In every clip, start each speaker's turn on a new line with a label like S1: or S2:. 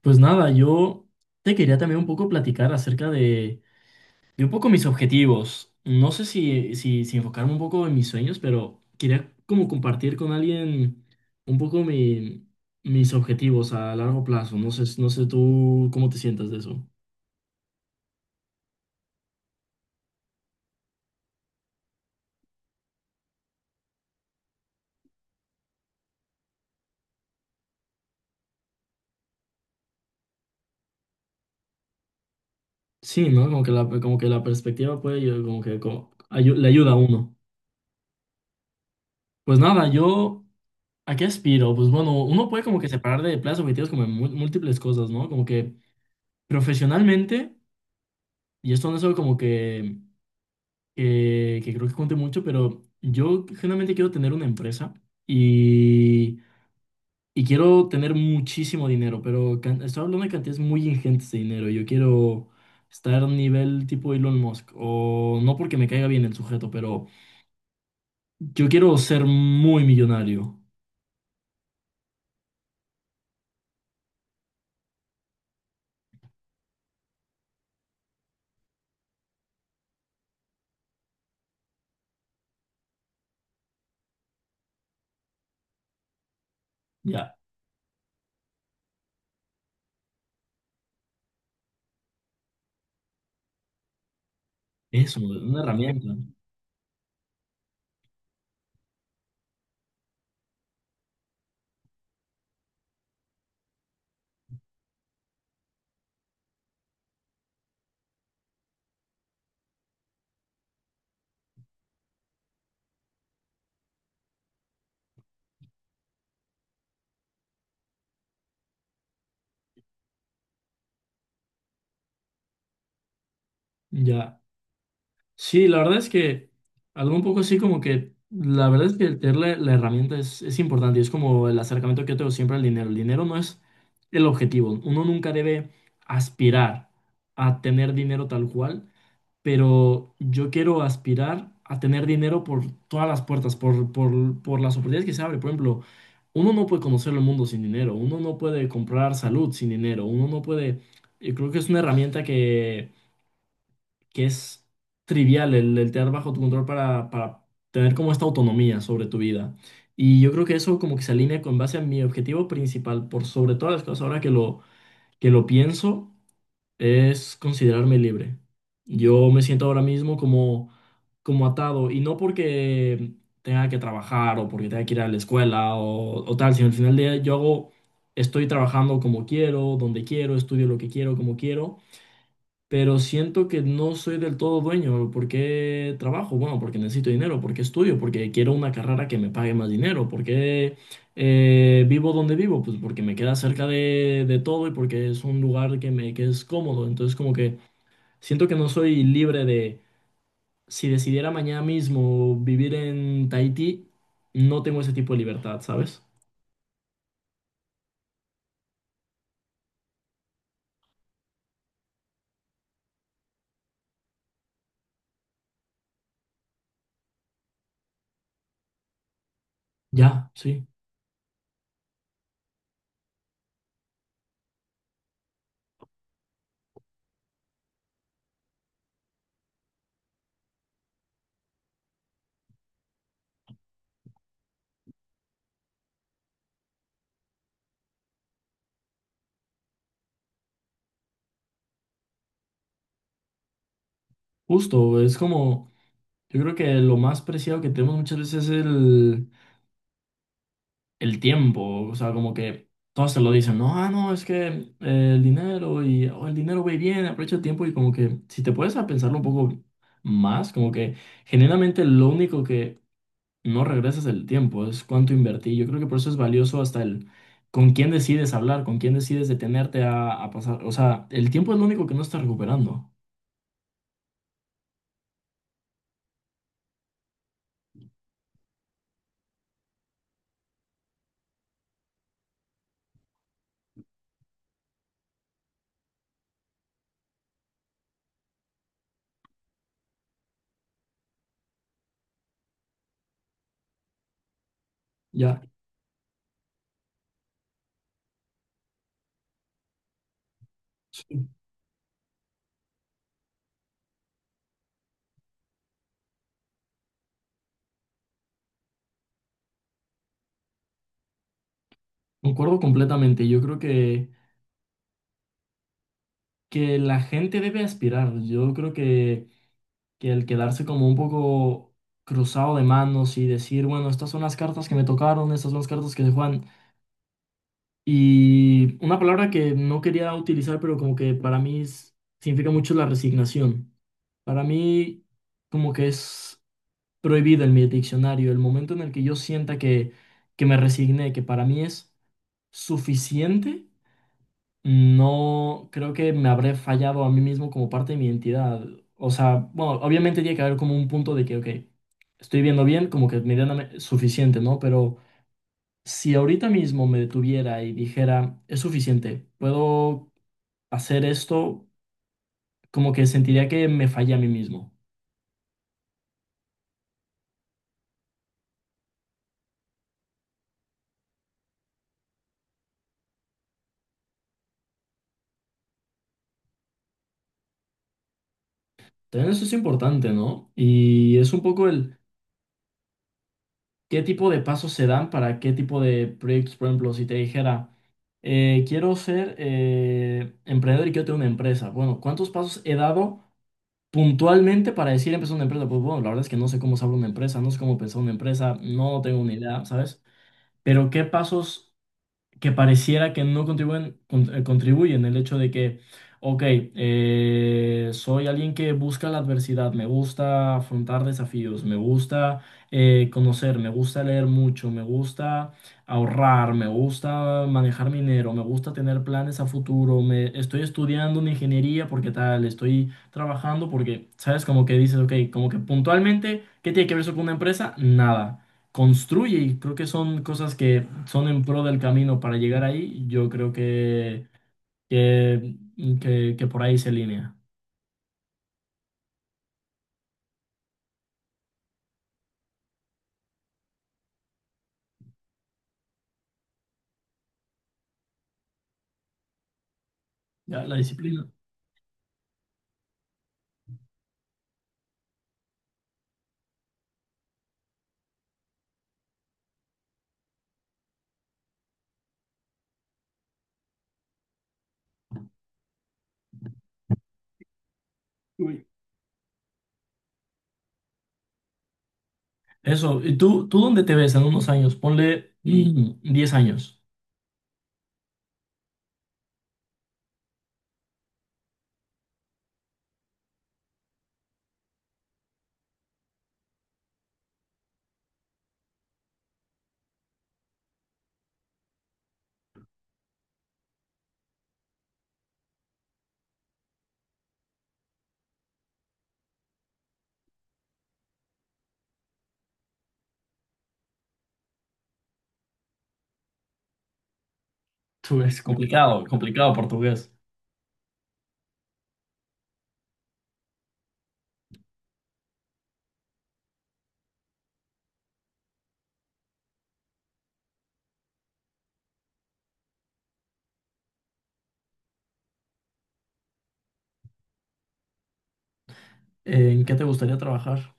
S1: Pues nada, yo te quería también un poco platicar acerca de un poco mis objetivos. No sé si enfocarme un poco en mis sueños, pero quería como compartir con alguien un poco mis objetivos a largo plazo. No sé, no sé tú cómo te sientas de eso. Sí, ¿no? Como que como que la perspectiva puede, como que le ayuda a uno. Pues nada, yo, ¿a qué aspiro? Pues bueno, uno puede como que separar de planes objetivos como en múltiples cosas, ¿no? Como que profesionalmente. Y esto no es algo como que, que creo que cuente mucho, pero yo generalmente quiero tener una empresa y, y quiero tener muchísimo dinero, pero estoy hablando de cantidades muy ingentes de dinero. Yo quiero estar a nivel tipo Elon Musk, o no porque me caiga bien el sujeto, pero yo quiero ser muy millonario. Ya, eso, una herramienta. Ya. Sí, la verdad es que algo un poco así como que, la verdad es que el tener la herramienta es importante y es como el acercamiento que yo tengo siempre al dinero. El dinero no es el objetivo. Uno nunca debe aspirar a tener dinero tal cual, pero yo quiero aspirar a tener dinero por todas las puertas, por las oportunidades que se abren. Por ejemplo, uno no puede conocer el mundo sin dinero, uno no puede comprar salud sin dinero, uno no puede… Yo creo que es una herramienta que es trivial el tener bajo tu control para tener como esta autonomía sobre tu vida. Y yo creo que eso como que se alinea con base a mi objetivo principal, por sobre todas las cosas, ahora que lo pienso, es considerarme libre. Yo me siento ahora mismo como, como atado, y no porque tenga que trabajar o porque tenga que ir a la escuela o tal, sino al final del día yo hago, estoy trabajando como quiero, donde quiero, estudio lo que quiero, como quiero, pero siento que no soy del todo dueño. ¿Por qué trabajo? Bueno, porque necesito dinero, porque estudio, porque quiero una carrera que me pague más dinero, porque vivo donde vivo, pues porque me queda cerca de todo y porque es un lugar que me que es cómodo. Entonces, como que siento que no soy libre de, si decidiera mañana mismo vivir en Tahití, no tengo ese tipo de libertad, ¿sabes? Ya, sí, justo, es como, yo creo que lo más preciado que tenemos muchas veces es el tiempo, o sea, como que todos se lo dicen, no, ah, no, es que el dinero y oh, el dinero va y viene, aprovecha el tiempo y como que si te puedes a pensarlo un poco más, como que generalmente lo único que no regresa es el tiempo, es cuánto invertí. Yo creo que por eso es valioso hasta el con quién decides hablar, con quién decides detenerte a pasar, o sea, el tiempo es lo único que no estás recuperando, ya. Sí. Concuerdo completamente, yo creo que la gente debe aspirar, yo creo que… que el quedarse como un poco cruzado de manos y decir, bueno, estas son las cartas que me tocaron, estas son las cartas que se juegan. Y una palabra que no quería utilizar, pero como que para mí significa mucho la resignación. Para mí como que es prohibida en mi diccionario el momento en el que yo sienta que me resigné, que para mí es suficiente no creo que me habré fallado a mí mismo como parte de mi identidad. O sea, bueno, obviamente tiene que haber como un punto de que, ok, estoy viendo bien, como que medianamente suficiente, ¿no? Pero si ahorita mismo me detuviera y dijera, es suficiente, puedo hacer esto, como que sentiría que me fallé a mí mismo. También eso es importante, ¿no? Y es un poco el qué tipo de pasos se dan para qué tipo de proyectos. Por ejemplo, si te dijera, quiero ser emprendedor y quiero tener una empresa. Bueno, ¿cuántos pasos he dado puntualmente para decir empezar una empresa? Pues bueno, la verdad es que no sé cómo se abre una empresa, no sé cómo pensar una empresa, no tengo ni idea, ¿sabes? Pero ¿qué pasos? Que pareciera que no contribuyen, contribuyen el hecho de que, ok, soy alguien que busca la adversidad, me gusta afrontar desafíos, me gusta conocer, me gusta leer mucho, me gusta ahorrar, me gusta manejar mi dinero, me gusta tener planes a futuro, me estoy estudiando una ingeniería porque tal, estoy trabajando porque, ¿sabes? Como que dices, ok, como que puntualmente, ¿qué tiene que ver eso con una empresa? Nada construye y creo que son cosas que son en pro del camino para llegar ahí. Yo creo que, que por ahí se alinea ya, la disciplina. Uy. Eso, ¿y tú dónde te ves en unos años? Ponle 10 años. Tú es complicado. Complicado, complicado portugués. ¿En qué te gustaría trabajar?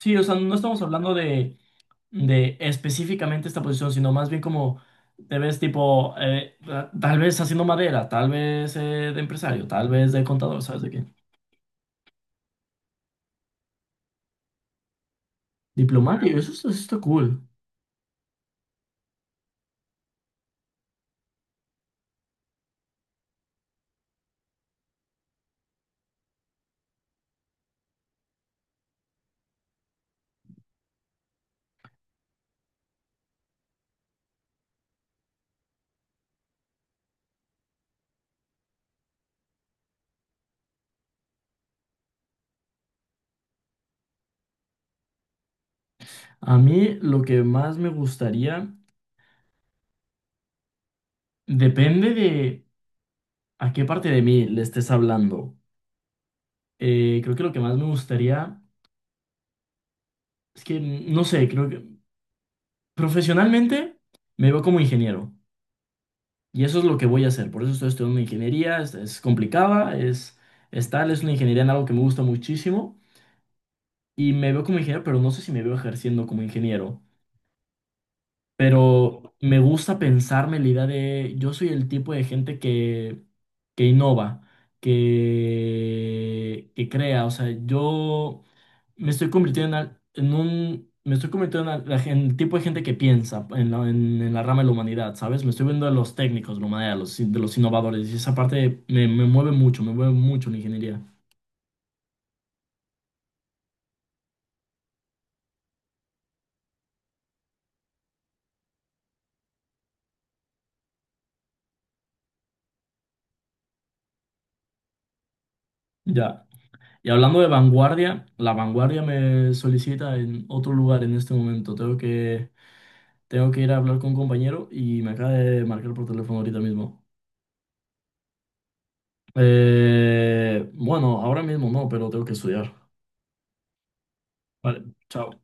S1: Sí, o sea, no estamos hablando de específicamente esta posición, sino más bien como te ves tipo, tal vez haciendo madera, tal vez de empresario, tal vez de contador, ¿sabes de qué? Diplomático, eso está cool. A mí lo que más me gustaría depende de a qué parte de mí le estés hablando. Creo que lo que más me gustaría es que, no sé, creo que profesionalmente me veo como ingeniero y eso es lo que voy a hacer. Por eso estoy estudiando ingeniería, es complicada, es tal, es una ingeniería en algo que me gusta muchísimo y me veo como ingeniero, pero no sé si me veo ejerciendo como ingeniero. Pero me gusta pensarme la idea de yo soy el tipo de gente que innova, que crea, o sea, yo me estoy convirtiendo en un, me estoy convirtiendo en, al- la gen- el tipo de gente que piensa en en la rama de la humanidad, ¿sabes? Me estoy viendo de los técnicos, de la humanidad, de los innovadores, y esa parte me, me mueve mucho la ingeniería. Ya. Y hablando de vanguardia, la vanguardia me solicita en otro lugar en este momento. Tengo que ir a hablar con un compañero y me acaba de marcar por teléfono ahorita mismo. Bueno, ahora mismo no, pero tengo que estudiar. Vale, chao.